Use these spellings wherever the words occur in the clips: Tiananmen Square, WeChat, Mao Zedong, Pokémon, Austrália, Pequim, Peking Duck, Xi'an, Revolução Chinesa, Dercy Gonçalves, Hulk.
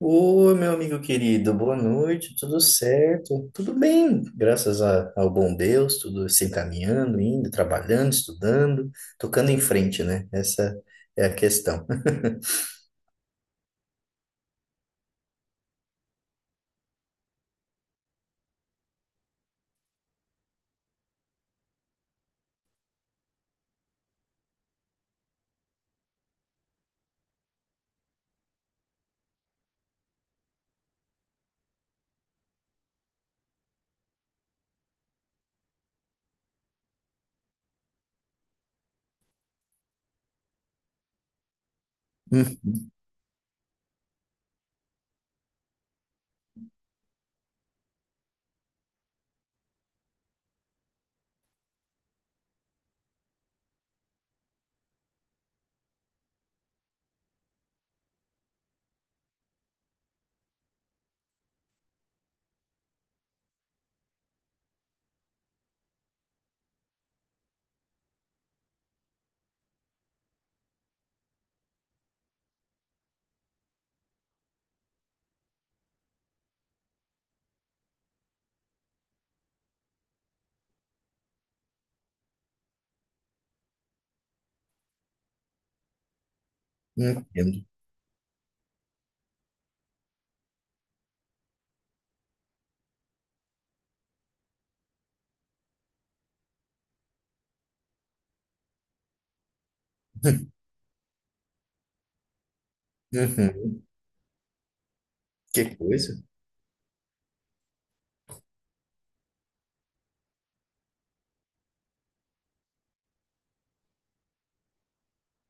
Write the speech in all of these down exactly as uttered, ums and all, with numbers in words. Oi, meu amigo querido, boa noite, tudo certo? Tudo bem, graças a- ao bom Deus, tudo se encaminhando, indo, trabalhando, estudando, tocando em frente, né? Essa é a questão. Uhum, entendo. Uhum, que coisa.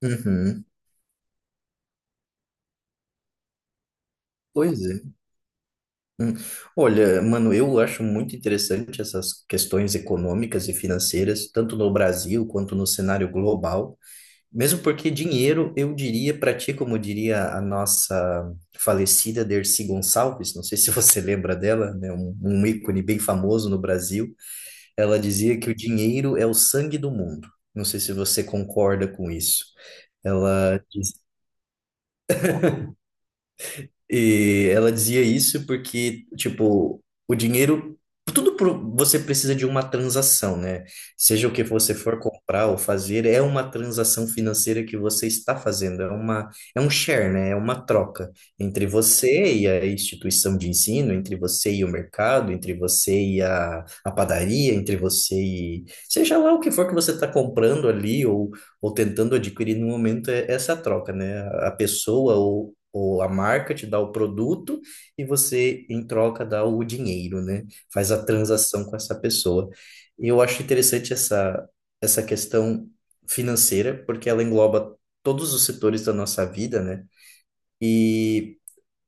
Uhum, pois é. Hum. Olha, mano, eu acho muito interessante essas questões econômicas e financeiras, tanto no Brasil quanto no cenário global. Mesmo porque dinheiro, eu diria para ti, como diria a nossa falecida Dercy Gonçalves, não sei se você lembra dela, né? Um, um ícone bem famoso no Brasil, ela dizia que o dinheiro é o sangue do mundo. Não sei se você concorda com isso. Ela E ela dizia isso porque, tipo, o dinheiro, tudo pro- você precisa de uma transação, né? Seja o que você for comprar ou fazer, é uma transação financeira que você está fazendo, é uma, é um share, né? É uma troca entre você e a instituição de ensino, entre você e o mercado, entre você e a, a padaria, entre você e seja lá o que for que você está comprando ali ou, ou tentando adquirir no momento, é essa troca, né? A a pessoa ou ou a marca te dá o produto e você, em troca, dá o dinheiro, né? Faz a transação com essa pessoa. E eu acho interessante essa, essa questão financeira, porque ela engloba todos os setores da nossa vida, né? E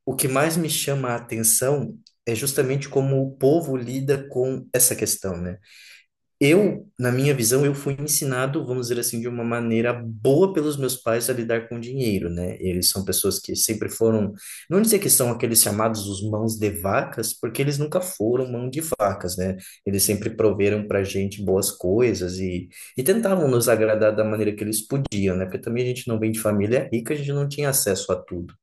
o que mais me chama a atenção é justamente como o povo lida com essa questão, né? Eu, na minha visão, eu fui ensinado, vamos dizer assim, de uma maneira boa pelos meus pais a lidar com dinheiro, né? Eles são pessoas que sempre foram, não dizer que são aqueles chamados os mãos de vacas, porque eles nunca foram mão de vacas, né? Eles sempre proveram pra gente boas coisas e, e tentavam nos agradar da maneira que eles podiam, né? Porque também a gente não vem de família rica, a gente não tinha acesso a tudo.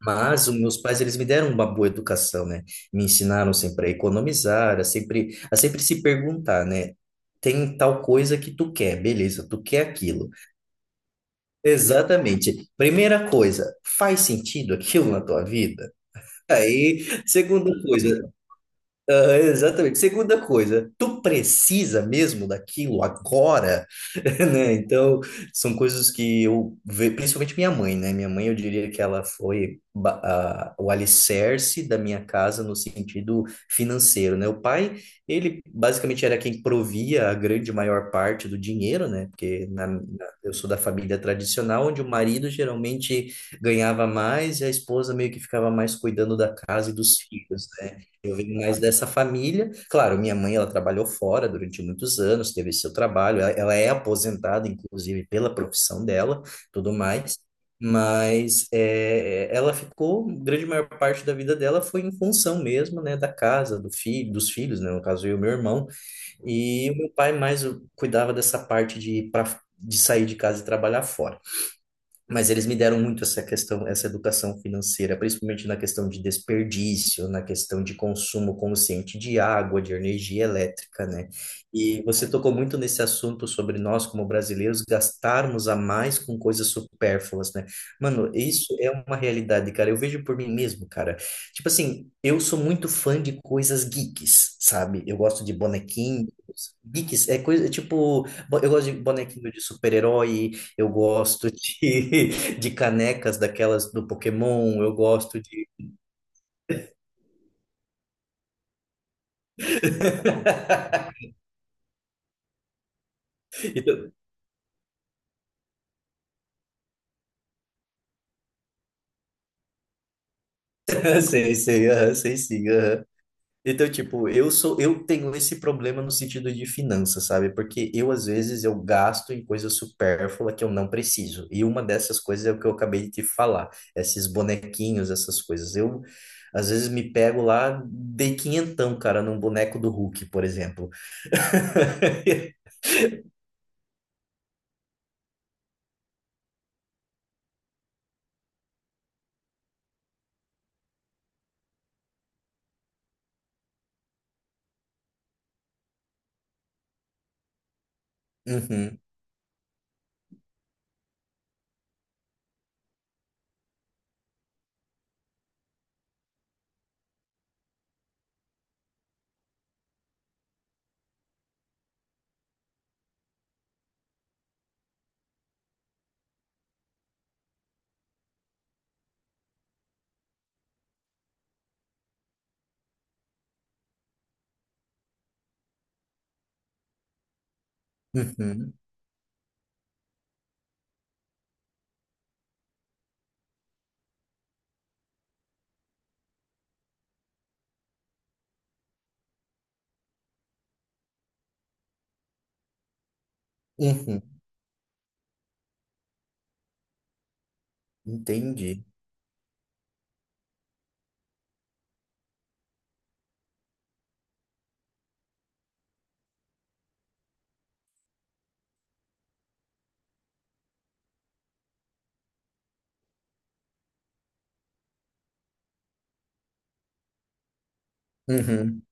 Mas os meus pais, eles me deram uma boa educação, né? Me ensinaram sempre a economizar, a sempre, a sempre se perguntar, né? Tem tal coisa que tu quer, beleza, tu quer aquilo. Exatamente. Primeira coisa, faz sentido aquilo na tua vida? Aí, segunda coisa, ah, exatamente. Segunda coisa, tu precisa mesmo daquilo agora, né? Então, são coisas que eu vejo, principalmente minha mãe, né? Minha mãe, eu diria que ela foi ba- a- o alicerce da minha casa no sentido financeiro, né? O pai, ele basicamente era quem provia a grande maior parte do dinheiro, né? Porque na- na- eu sou da família tradicional, onde o marido geralmente ganhava mais e a esposa meio que ficava mais cuidando da casa e dos filhos, né? Eu vim mais dessa família. Claro, minha mãe, ela trabalhou fora durante muitos anos, teve seu trabalho. Ela ela é aposentada, inclusive, pela profissão dela, tudo mais. Mas é, ela ficou, grande maior parte da vida dela foi em função mesmo, né, da casa, do filho, dos filhos, né, no caso eu e meu irmão. E o meu pai mais cuidava dessa parte de ir pra, de sair de casa e trabalhar fora. Mas eles me deram muito essa questão, essa educação financeira, principalmente na questão de desperdício, na questão de consumo consciente de água, de energia elétrica, né? E você tocou muito nesse assunto sobre nós, como brasileiros, gastarmos a mais com coisas supérfluas, né? Mano, isso é uma realidade, cara. Eu vejo por mim mesmo, cara. Tipo assim, eu sou muito fã de coisas geeks, sabe? Eu gosto de bonequinhos. Geeks é coisa, tipo, bo- eu gosto de bonequinho de super-herói, eu gosto de, de canecas daquelas do Pokémon, eu gosto de. Então, sei, sei, aham, sei sim. Aham. Então, tipo, eu sou, eu tenho esse problema no sentido de finanças, sabe? Porque eu, às vezes, eu gasto em coisa supérflua que eu não preciso. E uma dessas coisas é o que eu acabei de te falar, esses bonequinhos, essas coisas. Eu, às vezes, me pego lá, dei quinhentão, cara, num boneco do Hulk, por exemplo. Uhum, uhum, uhum. Entendi. Uhum,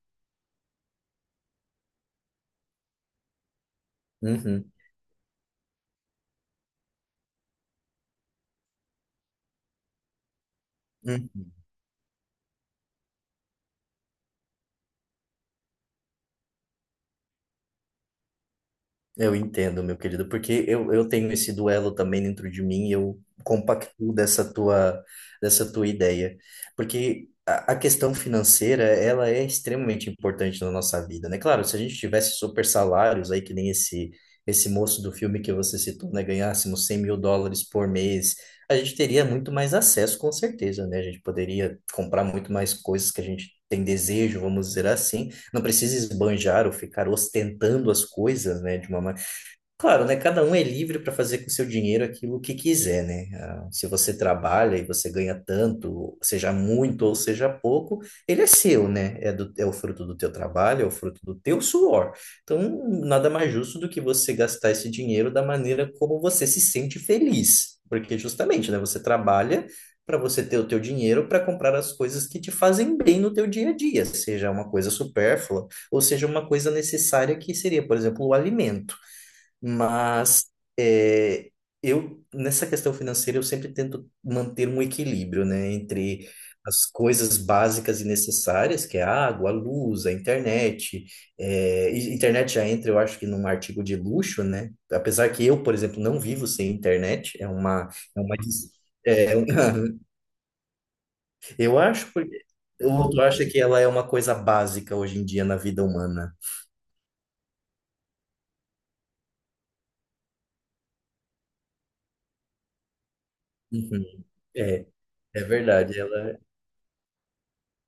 uhum, uhum. Eu entendo, meu querido, porque eu, eu tenho esse duelo também dentro de mim e eu compactuo dessa tua, dessa tua ideia. Porque a, a questão financeira, ela é extremamente importante na nossa vida, né? Claro, se a gente tivesse super salários aí, que nem esse, esse moço do filme que você citou, né? Ganhássemos cem mil dólares por mês, a gente teria muito mais acesso, com certeza, né? A gente poderia comprar muito mais coisas que a gente tem desejo, vamos dizer assim. Não precisa esbanjar ou ficar ostentando as coisas, né, de uma... Claro, né? Cada um é livre para fazer com seu dinheiro aquilo que quiser, né? Ah, se você trabalha e você ganha tanto, seja muito ou seja pouco, ele é seu, né? É, do, é o fruto do teu trabalho, é o fruto do teu suor. Então, nada mais justo do que você gastar esse dinheiro da maneira como você se sente feliz. Porque justamente, né? Você trabalha para você ter o teu dinheiro para comprar as coisas que te fazem bem no teu dia a dia, seja uma coisa supérflua ou seja uma coisa necessária que seria, por exemplo, o alimento. Mas é, eu, nessa questão financeira, eu sempre tento manter um equilíbrio, né, entre as coisas básicas e necessárias, que é a água, a luz, a internet. É, e internet já entra, eu acho que num artigo de luxo, né? Apesar que eu, por exemplo, não vivo sem internet, é uma, é uma, des- é uma- eu acho porque o outro acha que ela é uma coisa básica hoje em dia na vida humana. Uhum. É, é verdade, ela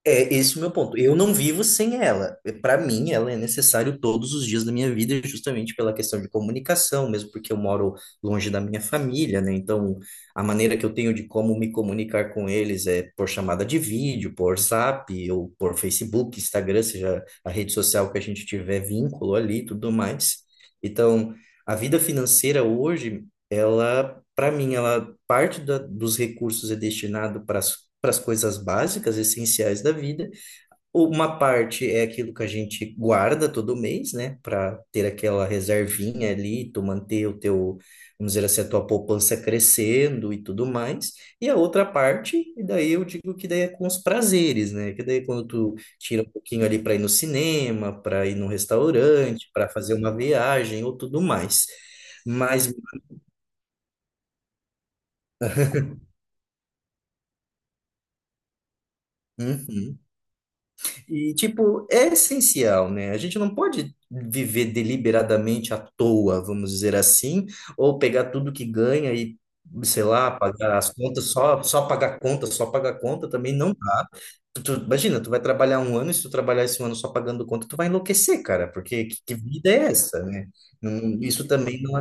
é esse o meu ponto. Eu não vivo sem ela. Para mim, ela é necessário todos os dias da minha vida, justamente pela questão de comunicação, mesmo porque eu moro longe da minha família, né? Então, a maneira que eu tenho de como me comunicar com eles é por chamada de vídeo, por Zap, ou por Facebook, Instagram, seja a rede social que a gente tiver vínculo ali, e tudo mais. Então, a vida financeira hoje, ela, para mim, ela parte da- dos recursos é destinado para as para as coisas básicas, essenciais da vida. Uma parte é aquilo que a gente guarda todo mês, né, para ter aquela reservinha ali, tu manter o teu, vamos dizer assim, a tua poupança crescendo e tudo mais. E a outra parte, e daí eu digo que daí é com os prazeres, né? Que daí é quando tu tira um pouquinho ali para ir no cinema, para ir num restaurante, para fazer uma viagem ou tudo mais. Mas, uhum. E, tipo, é essencial, né? A gente não pode viver deliberadamente à toa, vamos dizer assim, ou pegar tudo que ganha e, sei lá, pagar as contas, só, só pagar conta, só pagar conta também não dá. Tu, tu- imagina, tu vai trabalhar um ano, e se tu trabalhar esse ano só pagando conta, tu vai enlouquecer, cara, porque que, que vida é essa, né? Não- isso também não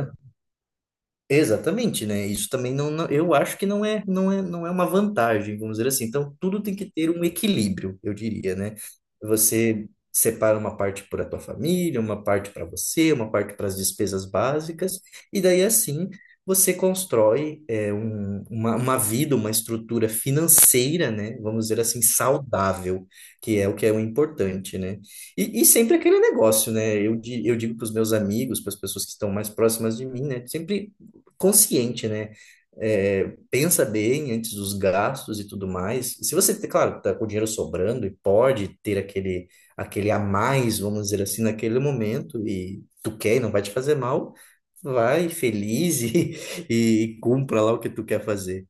Exatamente, né? Isso também não, não- eu acho que não é, não é, não é uma vantagem, vamos dizer assim. Então, tudo tem que ter um equilíbrio, eu diria, né? Você separa uma parte para a tua família, uma parte para você, uma parte para as despesas básicas, e daí assim você constrói é, um- uma, uma vida, uma estrutura financeira, né? Vamos dizer assim, saudável, que é o que é o importante, né? E, e sempre aquele negócio, né? Eu, di- eu digo para os meus amigos, para as pessoas que estão mais próximas de mim, né? Sempre consciente, né? É, pensa bem antes dos gastos e tudo mais. Se você, é claro, tá com o dinheiro sobrando e pode ter aquele, aquele a mais, vamos dizer assim, naquele momento e tu quer e não vai te fazer mal, vai feliz e, e cumpra lá o que tu quer fazer.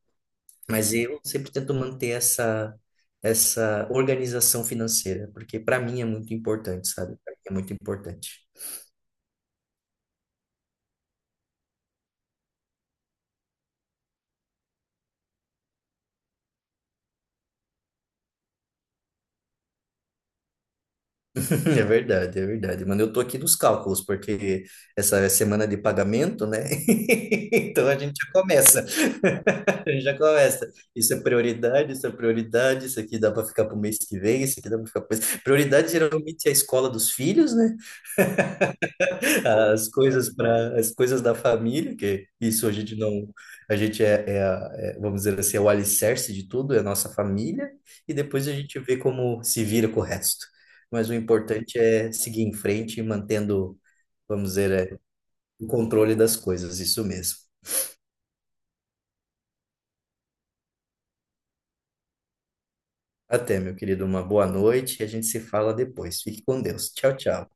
Mas eu sempre tento manter essa, essa organização financeira, porque para mim é muito importante, sabe? Pra mim é muito importante. É verdade, é verdade. Mano, eu tô aqui nos cálculos, porque essa é semana de pagamento, né? Então a gente já começa, a gente já começa. Isso é prioridade, isso é prioridade, isso aqui dá para ficar pro mês que vem, isso aqui dá para ficar pro mês. Prioridade geralmente é a escola dos filhos, né? As coisas para as coisas da família, que isso a gente não, a gente é, é, a- é, vamos dizer assim, é o alicerce de tudo, é a nossa família, e depois a gente vê como se vira com o resto. Mas o importante é seguir em frente e mantendo, vamos dizer, é, o controle das coisas, isso mesmo. Até, meu querido, uma boa noite e a gente se fala depois. Fique com Deus. Tchau, tchau.